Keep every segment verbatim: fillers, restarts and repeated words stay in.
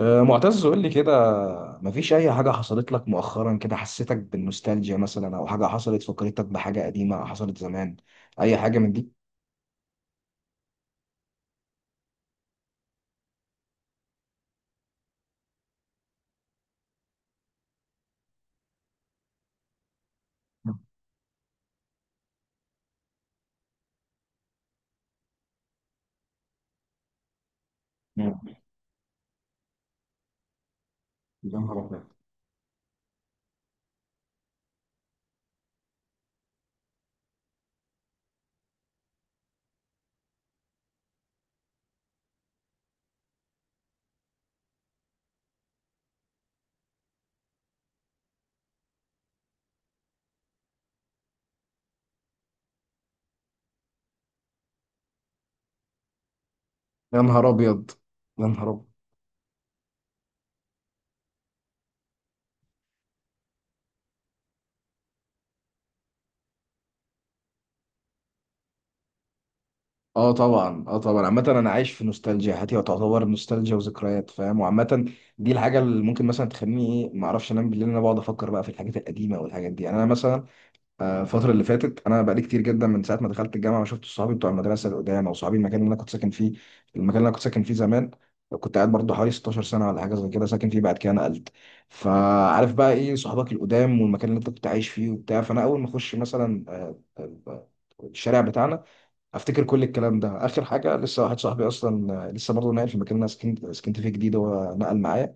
آه، معتز قول لي كده. مفيش أي حاجة حصلت لك مؤخرا كده حسيتك بالنوستالجيا مثلا أو حاجة حصلت فكرتك بحاجة قديمة حصلت زمان؟ أي حاجة من دي؟ مم. يا نهار أبيض. يا نهار أبيض. يا نهار أبيض. اه طبعا اه طبعا عامة انا عايش في نوستالجيا، حياتي تعتبر نوستالجيا وذكريات، فاهم؟ وعامة دي الحاجة اللي ممكن مثلا تخليني ايه، ما اعرفش انام بالليل، إن انا بقعد افكر بقى في الحاجات القديمة والحاجات دي. يعني انا مثلا آه، الفترة اللي فاتت أنا بقالي كتير جدا من ساعة ما دخلت الجامعة ما شفت صحابي بتوع المدرسة اللي قدام، أو صحابي المكان اللي أنا كنت ساكن فيه، المكان اللي أنا كنت ساكن فيه زمان. كنت قاعد برضه حوالي ستاشر سنة ولا حاجة زي كده ساكن فيه، بعد كده نقلت. فعارف بقى إيه صحابك القدام والمكان اللي أنت كنت عايش فيه وبتاع. فأنا أول ما أخش مثلا آه، آه، آه، الشارع بتاعنا أفتكر كل الكلام ده. آخر حاجة لسه واحد صاحبي أصلا آه، لسه برضه ناقل في المكان اللي أنا سكنت سكنت فيه جديد، هو نقل معايا.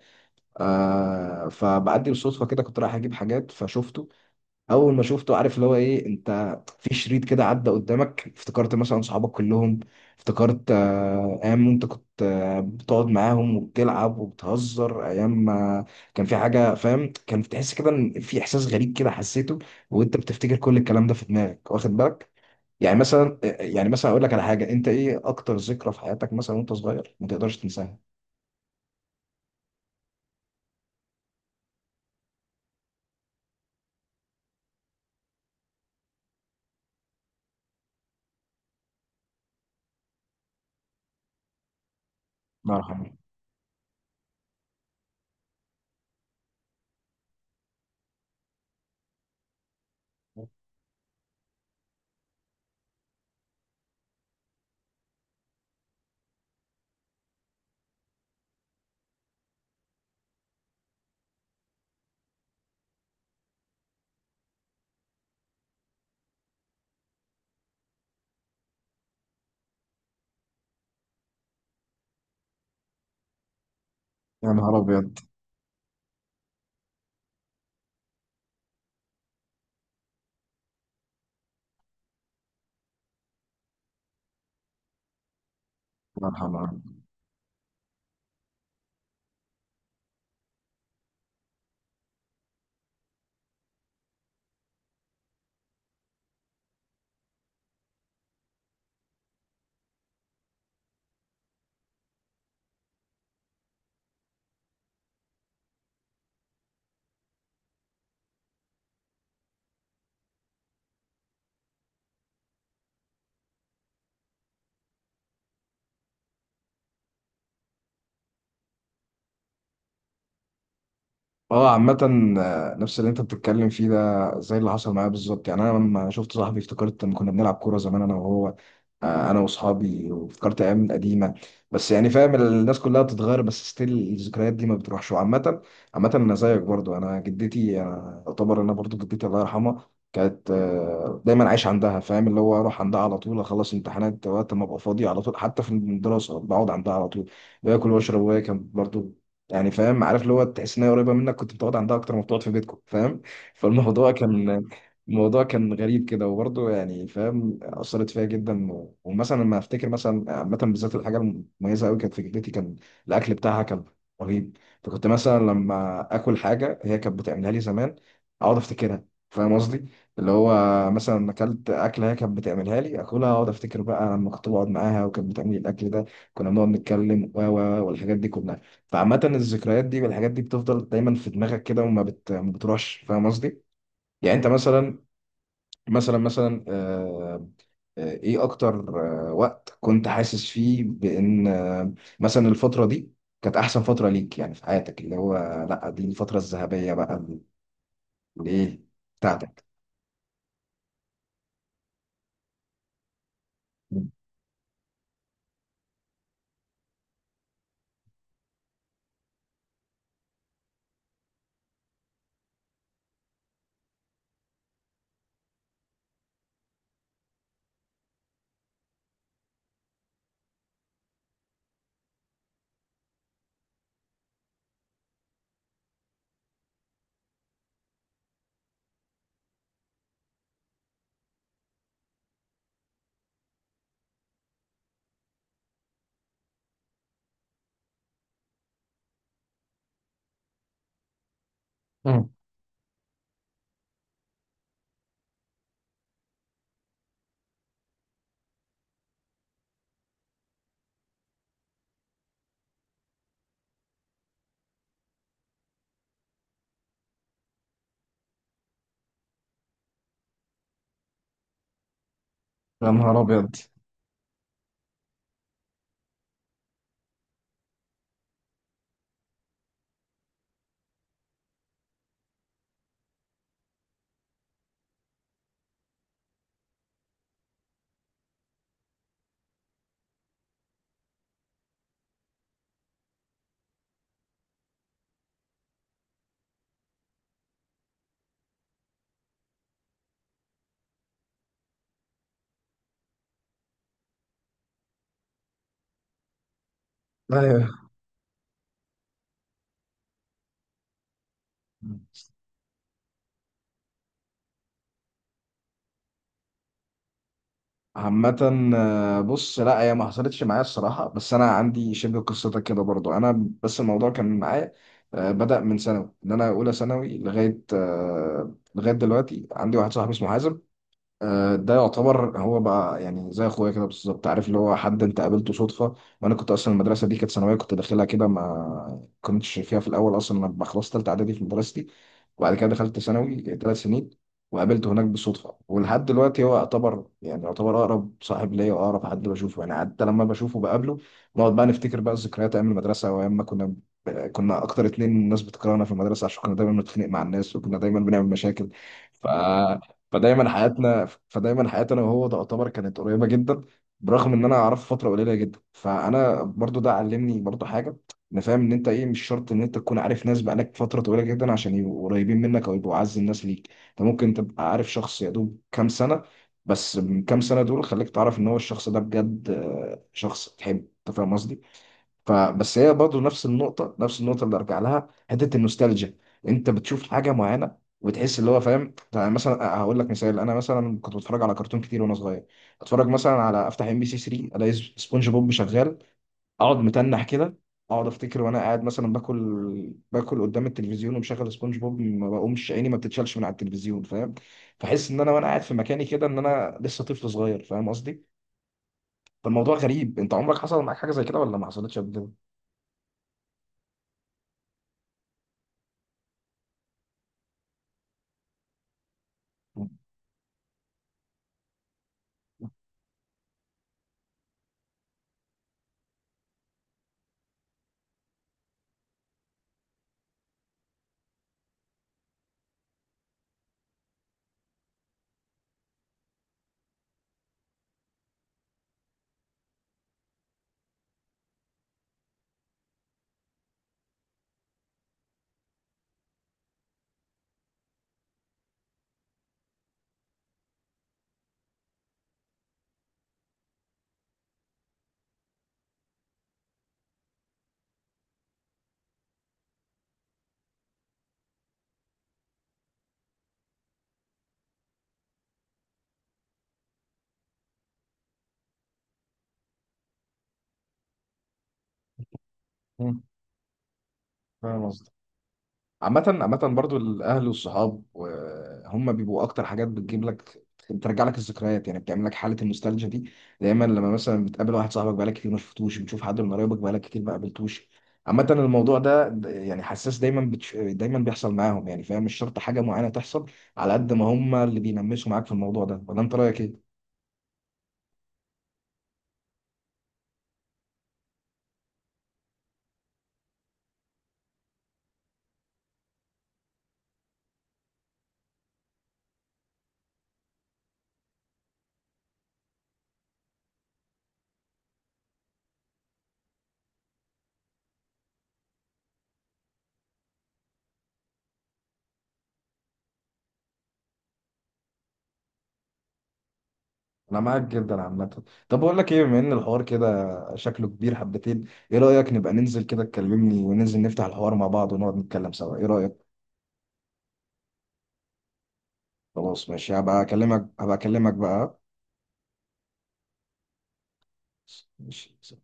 آه، فبعدي بالصدفة كده كنت رايح أجيب حاجات فشفته. اول ما شفته، عارف اللي هو ايه، انت في شريط كده عدى قدامك، افتكرت مثلا صحابك كلهم. افتكرت آه، ايام انت كنت آه، بتقعد معاهم وبتلعب وبتهزر. ايام ما كان في حاجه، فاهم؟ كان بتحس كده ان في احساس غريب كده حسيته وانت بتفتكر كل الكلام ده في دماغك، واخد بالك؟ يعني مثلا آه، يعني مثلا اقول لك على حاجه، انت ايه اكتر ذكرى في حياتك مثلا وانت صغير ما تقدرش تنساها؟ الله يرحمه. يا نهار ابيض. الله يرحمه. اه عامة، آه، نفس اللي انت بتتكلم فيه ده زي اللي حصل معايا بالظبط. يعني انا لما شفت صاحبي افتكرت ان كنا بنلعب كورة زمان انا وهو، آه، انا واصحابي، وافتكرت ايام قديمه. بس يعني فاهم، الناس كلها بتتغير، بس ستيل الذكريات دي ما بتروحش. وعامه عامه انا زيك برضو، انا جدتي، انا اعتبر انا برضو جدتي الله يرحمها كانت آه، دايما عايش عندها، فاهم؟ اللي هو اروح عندها على طول، اخلص امتحانات وقت ما ابقى فاضي على طول، حتى في الدراسه بقعد عندها على طول باكل واشرب. وهي كانت برضو يعني فاهم، عارف اللي هو تحس ان هي قريبه منك، كنت بتقعد عندها اكتر ما بتقعد في بيتكم، فاهم؟ فالموضوع كان، الموضوع كان غريب كده. وبرضه يعني فاهم أثرت فيا جدا، و- ومثلا لما أفتكر مثلا عامة، بالذات الحاجة المميزة أوي كانت في جدتي، كان الأكل بتاعها كان رهيب. فكنت مثلا لما آكل حاجة هي كانت بتعملها لي زمان أقعد أفتكرها. فاهم قصدي؟ اللي هو مثلا أكلت أكلة هي كانت بتعملها لي، آكلها أقعد أفتكر بقى لما كنت بقعد معاها وكانت بتعمل لي الأكل ده، كنا بنقعد نتكلم و و والحاجات دي كلها. فعامة الذكريات دي والحاجات دي بتفضل دايما في دماغك كده وما بت... ما بتروحش. فاهم قصدي؟ يعني انت مثلا، مثلا مثلا آه، آه، ايه اكتر آه، وقت كنت حاسس فيه بان آه، مثلا الفترة دي كانت احسن فترة ليك يعني في حياتك، اللي هو لا دي الفترة الذهبية بقى، اللي ايه بتاعتك. مم. يا نهار ابيض. ايوه عامة، آه، بص لا هي ما حصلتش معايا الصراحة، بس أنا عندي شبه قصتك كده برضو. أنا بس الموضوع كان معايا آه، بدأ من ثانوي، إن أنا أولى ثانوي لغاية آه، لغاية دلوقتي عندي واحد صاحبي اسمه حازم. آه، ده يعتبر هو بقى يعني زي اخويا كده بالظبط، عارف اللي هو حد انت قابلته صدفه. وانا كنت اصلا المدرسه دي كانت ثانويه، كنت داخلها كده، ما كنتش فيها في الاول اصلا. انا لما خلصت ثالثه اعدادي في مدرستي، وبعد كده دخلت ثانوي ثلاث سنين، وقابلته هناك بالصدفه. ولحد دلوقتي هو يعتبر يعني يعتبر اقرب صاحب ليا واقرب حد بشوفه، يعني حتى لما بشوفه بقابله نقعد بقى نفتكر بقى الذكريات ايام المدرسه وايام ما كنا، كنا اكتر اتنين الناس بتكرهنا في المدرسه عشان كنا دايما بنتخانق مع الناس وكنا دايما بنعمل مشاكل. ف فدايما حياتنا فدايما حياتي انا وهو تعتبر كانت قريبه جدا. برغم ان انا اعرفه فتره قليله جدا، فانا برضو ده علمني برضو حاجه، ان فاهم ان انت ايه مش شرط ان انت تكون عارف ناس بقالك فتره طويله جدا عشان يبقوا قريبين منك او يبقوا اعز الناس ليك. انت ممكن تبقى عارف شخص يا دوب كام سنه، بس من كام سنه دول خليك تعرف ان هو الشخص ده بجد آه، شخص تحبه. انت فاهم قصدي؟ فبس هي برضه نفس النقطة، نفس النقطة اللي أرجع لها حتة النوستالجيا. أنت بتشوف حاجة معينة وبتحس اللي هو فاهم. يعني مثلا أه، هقول لك مثال، أنا مثلا كنت بتفرج على كرتون كتير وأنا صغير. أتفرج مثلا على، أفتح إم بي سي ثري ألاقي سبونج بوب شغال، أقعد متنح كده. أقعد أفتكر وأنا قاعد مثلا باكل، باكل قدام التلفزيون ومشغل سبونج بوب، ما بقومش، عيني ما بتتشالش من على التلفزيون، فاهم؟ فأحس إن أنا وأنا قاعد في مكاني كده إن أنا لسه طفل صغير. فاهم قصدي؟ فالموضوع غريب. أنت عمرك حصل معاك حاجة زي كده ولا ما حصلتش قبل كده؟ فاهم قصدي؟ عامة عامة برضو الأهل والصحاب آه، هم بيبقوا أكتر حاجات بتجيب لك، بترجع لك الذكريات، يعني بتعمل لك حالة النوستالجيا دي. دايما لما مثلا بتقابل واحد صاحبك بقالك كتير ما شفتوش، بتشوف حد من قرايبك بقالك كتير ما قابلتوش. عامة الموضوع ده د- يعني حساس، دايما بتش... دايما بيحصل معاهم. يعني فاهم مش شرط حاجة معينة تحصل، على قد ما هم اللي بينمسوا معاك في الموضوع ده. ولا أنت رأيك إيه؟ انا معاك جدا عامه. طب اقول لك ايه، بما ان الحوار كده شكله كبير حبتين، ايه رايك نبقى ننزل كده تكلمني وننزل نفتح الحوار مع بعض ونقعد نتكلم سوا؟ ايه رايك؟ خلاص ماشي، هبقى اكلمك هبقى اكلمك بقى. ماشي.